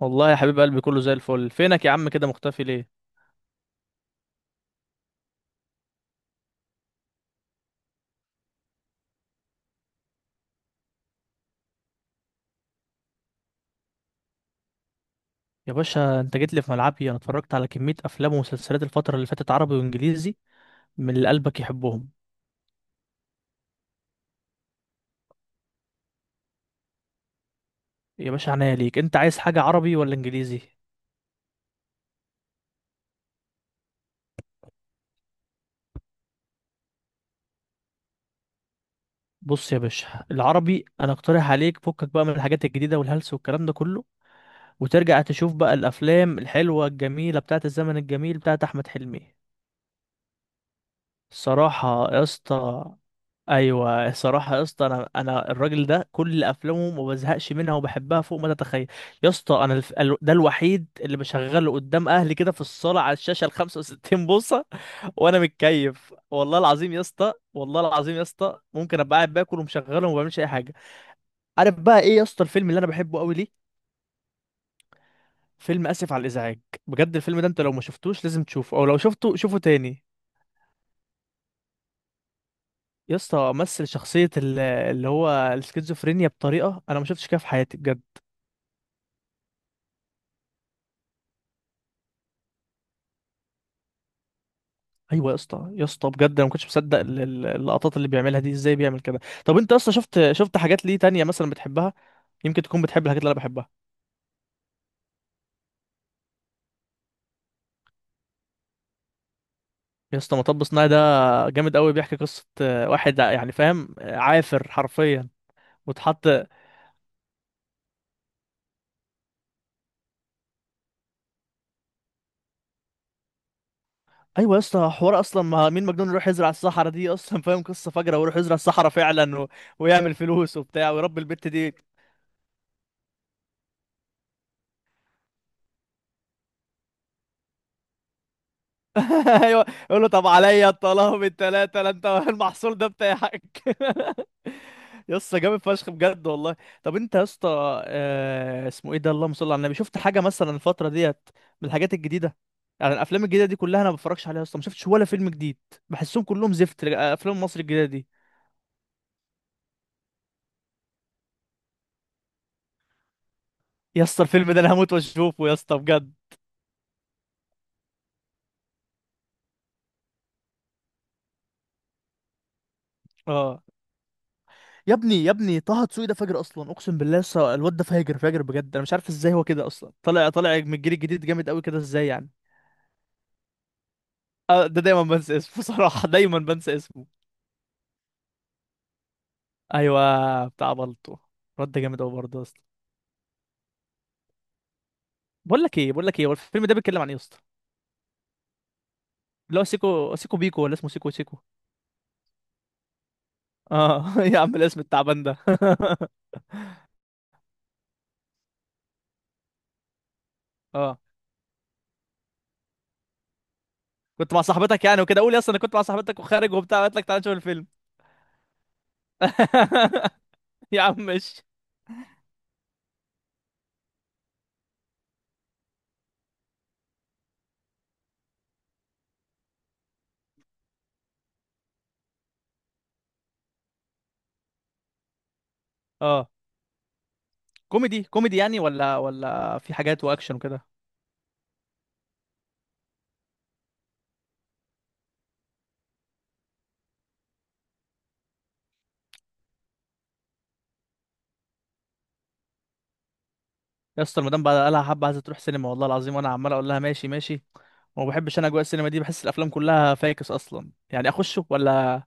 والله يا حبيب قلبي كله زي الفل. فينك يا عم؟ كده مختفي ليه؟ يا باشا انت جيت لي في ملعبي، انا اتفرجت على كمية افلام ومسلسلات الفترة اللي فاتت، عربي وانجليزي، من اللي قلبك يحبهم. يا باشا عناية ليك، انت عايز حاجة عربي ولا انجليزي؟ بص يا باشا، العربي انا اقترح عليك فكك بقى من الحاجات الجديدة والهلس والكلام ده كله، وترجع تشوف بقى الافلام الحلوة الجميلة بتاعت الزمن الجميل بتاعت احمد حلمي. صراحة يا اسطى. ايوه الصراحة يا اسطى، انا الراجل ده كل افلامه ما بزهقش منها وبحبها فوق ما تتخيل. يا اسطى ده الوحيد اللي بشغله قدام اهلي كده في الصالة على الشاشة ال 65 بوصة. وانا متكيف، والله العظيم يا اسطى، والله العظيم يا اسطى، ممكن ابقى قاعد باكل ومشغله وما بعملش اي حاجة. عارف بقى ايه يا اسطى الفيلم اللي انا بحبه قوي ليه؟ فيلم اسف على الازعاج. بجد الفيلم ده، انت لو ما شفتوش لازم تشوفه، او لو شفته شوفه تاني. يا اسطى مثل شخصية اللي هو السكيزوفرينيا بطريقة أنا ما شفتش كده في حياتي بجد. أيوة يا اسطى، يا اسطى، بجد أنا ما كنتش مصدق اللقطات اللي بيعملها دي، إزاي بيعمل كده؟ طب أنت أصلا شفت حاجات ليه تانية مثلا بتحبها؟ يمكن تكون بتحب الحاجات اللي أنا بحبها. يا اسطى مطب صناعي ده جامد قوي، بيحكي قصة واحد يعني فاهم، عافر حرفيا. واتحط. ايوه يا اسطى حوار اصلا، ما مين مجنون يروح يزرع الصحراء دي اصلا فاهم؟ قصه فجره ويروح يزرع الصحراء فعلا ويعمل فلوس وبتاع ويربي البت دي. ايوه يقول له طب عليا الطلاق بالتلاتة، لا انت المحصول ده بتاعك. يا اسطى جامد فشخ بجد والله. طب انت يا اسطى اسمه ايه ده، اللهم صل على النبي، شفت حاجه مثلا الفتره ديت من الحاجات الجديده؟ يعني الافلام الجديده دي كلها انا ما بتفرجش عليها يا اسطى، ما شفتش ولا فيلم جديد، بحسهم كلهم زفت افلام مصر الجديده دي. يا اسطى الفيلم ده انا هموت واشوفه يا اسطى بجد. اه يا ابني، يا ابني طه دسوقي ده فاجر اصلا، اقسم بالله يا اسطى الواد ده فاجر فاجر بجد، انا مش عارف ازاي هو كده اصلا، طالع من الجيل الجديد جامد قوي كده ازاي يعني. ده دايما بنسى اسمه، صراحة دايما بنسى اسمه. ايوه بتاع بلطو. الواد ده جامد قوي برضه يا اسطى. بقول لك ايه، بقول لك ايه هو الفيلم ده بيتكلم عن ايه يا اسطى؟ اللي هو سيكو سيكو بيكو ولا اسمه سيكو سيكو؟ اه يا عم الاسم التعبان ده. اه كنت مع صاحبتك يعني وكده، قول يا اسطى انا كنت مع صاحبتك وخارج وبتاع قالت لك تعالى نشوف الفيلم. يا عم مش. اه كوميدي كوميدي يعني، ولا في حاجات واكشن وكده؟ يا اسطى المدام بقى قالها حبه عايزه تروح سينما، والله العظيم وانا عمال اقول لها ماشي ماشي، وما بحبش انا اجواء السينما دي، بحس الافلام كلها فاكس اصلا، يعني اخش ولا؟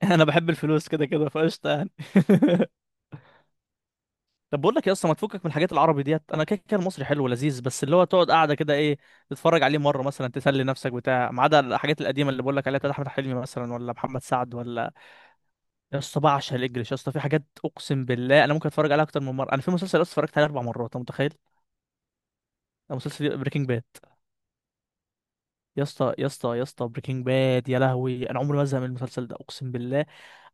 انا بحب الفلوس كده كده فقشطه يعني. طب بقول لك يا اسطى، ما تفكك من الحاجات العربي ديت، انا كده كده المصري حلو ولذيذ، بس اللي هو تقعد قاعده كده ايه تتفرج عليه مره مثلا تسلي نفسك بتاع، ما عدا الحاجات القديمه اللي بقول لك عليها بتاعت احمد حلمي مثلا، ولا محمد سعد ولا. يا اسطى بعشق الانجليش، يا اسطى في حاجات اقسم بالله انا ممكن اتفرج عليها اكتر من مره، انا في مسلسل يا اسطى اتفرجت عليه 4 مرات، انت متخيل؟ ده مسلسل بريكنج باد. يا اسطى، يا اسطى، يا اسطى بريكنج باد، يا لهوي انا عمري ما ازهق من المسلسل ده اقسم بالله.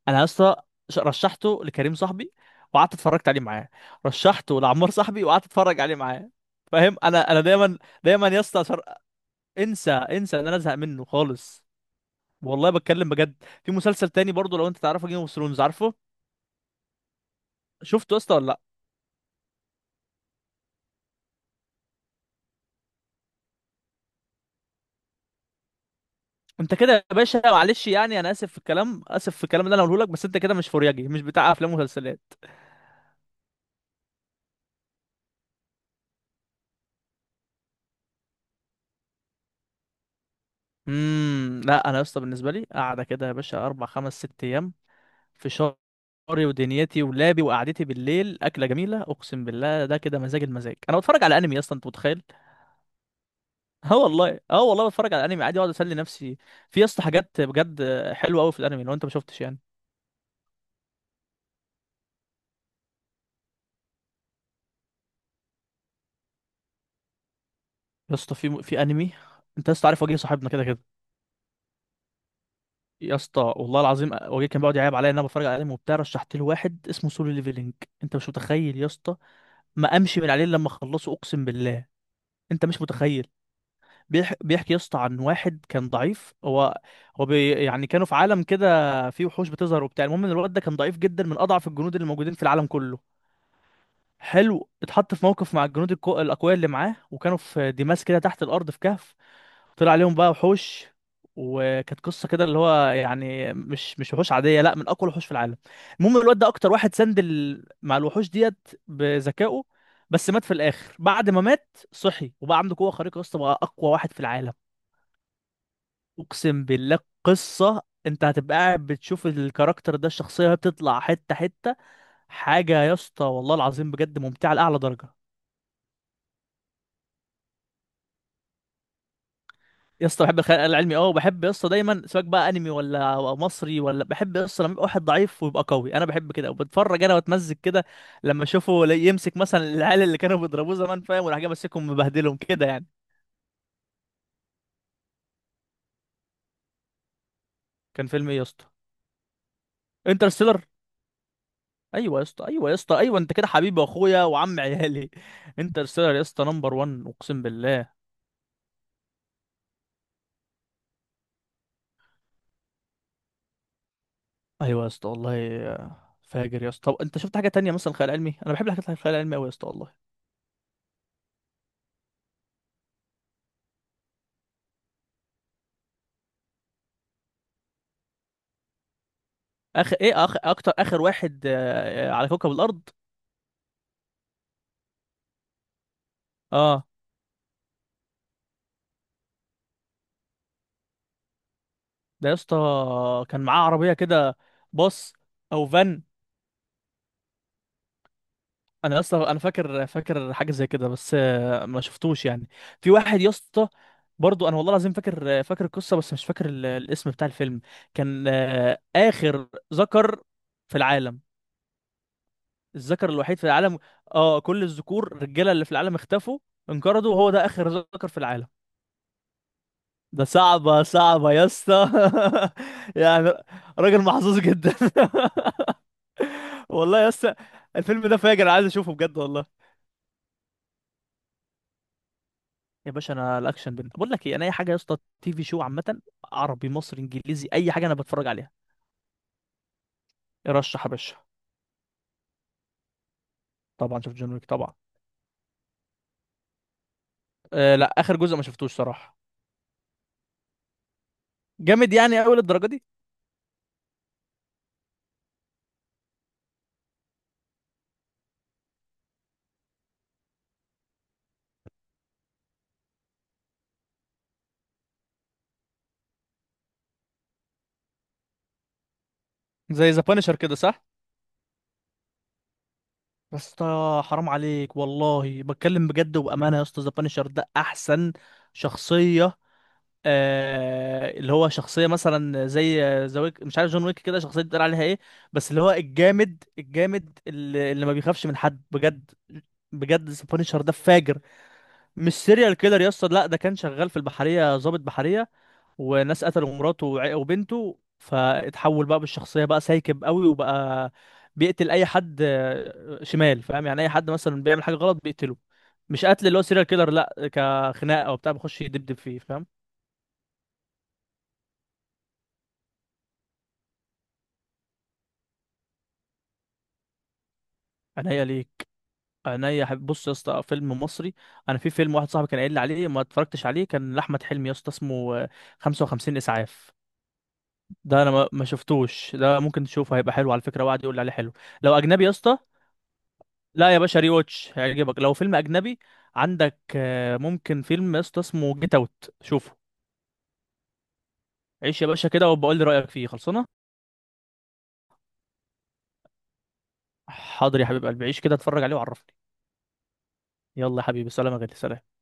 انا يا اسطى رشحته لكريم صاحبي وقعدت اتفرجت عليه معاه، رشحته لعمار صاحبي وقعدت اتفرج عليه معاه. فاهم، انا دايما، دايما يا اسطى انسى، انسى ان انا ازهق منه خالص. والله بتكلم بجد. في مسلسل تاني برضه لو انت تعرفه، جيم اوف ثرونز، عارفه؟ شفته يا اسطى ولا لا؟ انت كده يا باشا معلش يعني انا اسف في الكلام، اسف في الكلام اللي انا هقوله لك، بس انت كده مش فورياجي مش بتاع افلام ومسلسلات. لا انا يا اسطى بالنسبه لي قاعده كده يا باشا اربع خمس ست ايام، في شعري ودنيتي ولابي وقعدتي بالليل، اكله جميله اقسم بالله، ده كده مزاج المزاج. انا بتفرج على انمي يا اسطى انت متخيل؟ اه والله، اه والله بتفرج على انمي عادي اقعد اسلي نفسي. في يا اسطى حاجات بجد حلوه قوي في الانمي لو انت ما شفتش يعني. يا اسطى في انمي، انت يا اسطى عارف وجيه صاحبنا كده كده؟ يا اسطى والله العظيم وجيه كان بيقعد يعيب عليا ان انا بتفرج على انمي وبتاع، رشحت له واحد اسمه سولو ليفلنج. انت مش متخيل يا اسطى، ما امشي من عليه إلا لما اخلصه اقسم بالله. انت مش متخيل. بيحكي يا اسطى عن واحد كان ضعيف، يعني كانوا في عالم كده فيه وحوش بتظهر وبتاع، المهم ان الواد ده كان ضعيف جدا من اضعف الجنود اللي موجودين في العالم كله. حلو اتحط في موقف مع الجنود الاقوياء اللي معاه، وكانوا في ديماس كده تحت الارض في كهف، طلع عليهم بقى وحوش، وكانت قصه كده اللي هو يعني مش وحوش عاديه، لا من اقوى الوحوش في العالم. المهم الواد ده اكتر واحد سند مع الوحوش ديت بذكائه. بس مات في الاخر، بعد ما مات صحي وبقى عنده قوه خارقه، يا اسطى بقى اقوى واحد في العالم. اقسم بالله قصه، انت هتبقى قاعد بتشوف الكاركتر ده الشخصيه وهي بتطلع حته حته، حاجه يا اسطى والله العظيم بجد ممتعه لاعلى درجه. يا اسطى بحب الخيال العلمي اه، وبحب يا اسطى دايما سواء بقى انمي ولا أو مصري ولا، بحب يا اسطى لما يبقى واحد ضعيف ويبقى قوي، انا بحب كده وبتفرج انا واتمزج كده لما اشوفه، يمسك مثلا العيال اللي كانوا بيضربوه زمان فاهم، وراح جاي ماسكهم مبهدلهم كده يعني. كان فيلم ايه يا اسطى؟ انترستيلر. ايوه يا اسطى، ايوه يا اسطى، ايوه انت كده حبيبي واخويا وعم عيالي. انترستيلر يا اسطى نمبر 1 اقسم بالله. ايوه يا اسطى والله، فاجر يا اسطى. طب انت شفت حاجه تانية مثلا خيال علمي؟ انا بحب الحاجات الخيال العلمي قوي يا اسطى والله. اخر ايه، اكتر اخر واحد على كوكب الارض. اه ده يا اسطى كان معاه عربيه كده، باص او فان. انا يا اسطى، انا فاكر حاجه زي كده، بس ما شفتوش يعني. في واحد يا اسطى برضو، انا والله العظيم فاكر القصه، بس مش فاكر الاسم بتاع الفيلم. كان اخر ذكر في العالم، الذكر الوحيد في العالم. اه كل الذكور الرجاله اللي في العالم اختفوا انقرضوا، وهو ده اخر ذكر في العالم. ده صعبة يا اسطى. يعني راجل محظوظ جدا. والله يا اسطى الفيلم ده فاجر، عايز اشوفه بجد والله. يا باشا انا الاكشن بقول لك ايه، انا اي حاجه يا اسطى تي في شو عامه، عربي مصري انجليزي اي حاجه انا بتفرج عليها. رشح يا باشا، طبعا شفت جون ويك طبعا. أه لا اخر جزء ما شفتوش صراحه. جامد يعني قوي للدرجه دي؟ زي ذا بانشر كده صح؟ بس حرام عليك والله بتكلم بجد وبامانه يا اسطى، ذا بانشر ده احسن شخصيه، آه اللي هو شخصيه مثلا زي زويك، مش عارف جون ويك كده شخصيه بتقول عليها ايه، بس اللي هو الجامد الجامد اللي ما بيخافش من حد بجد، بجد سبونيشر ده فاجر. مش سيريال كيلر يا اسطى، لا ده كان شغال في البحريه، ضابط بحريه، وناس قتلوا مراته وبنته، فاتحول بقى بالشخصيه بقى سايكب قوي، وبقى بيقتل اي حد شمال فاهم، يعني اي حد مثلا بيعمل حاجه غلط بيقتله. مش قتل اللي هو سيريال كيلر، لا كخناقه وبتاع بيخش يدبدب فيه فاهم. عينيا ليك، عينيا حبيبي. بص يا اسطى فيلم مصري، انا في فيلم واحد صاحبي كان قايل لي عليه ما اتفرجتش عليه، كان لاحمد حلمي يا اسطى اسمه 55 اسعاف. ده انا ما شفتوش، ده ممكن تشوفه هيبقى حلو على فكره، وقعد يقول لي عليه حلو. لو اجنبي يا اسطى، لا يا باشا ري واتش هيعجبك لو فيلم اجنبي. عندك ممكن فيلم يا اسطى اسمه جيت اوت، شوفه. عيش يا باشا كده وبقول لي رايك فيه، خلصانه. حاضر يا حبيب قلبي، عيش كده اتفرج عليه وعرفني. يلا يا حبيبي سلام، يا غالي سلام.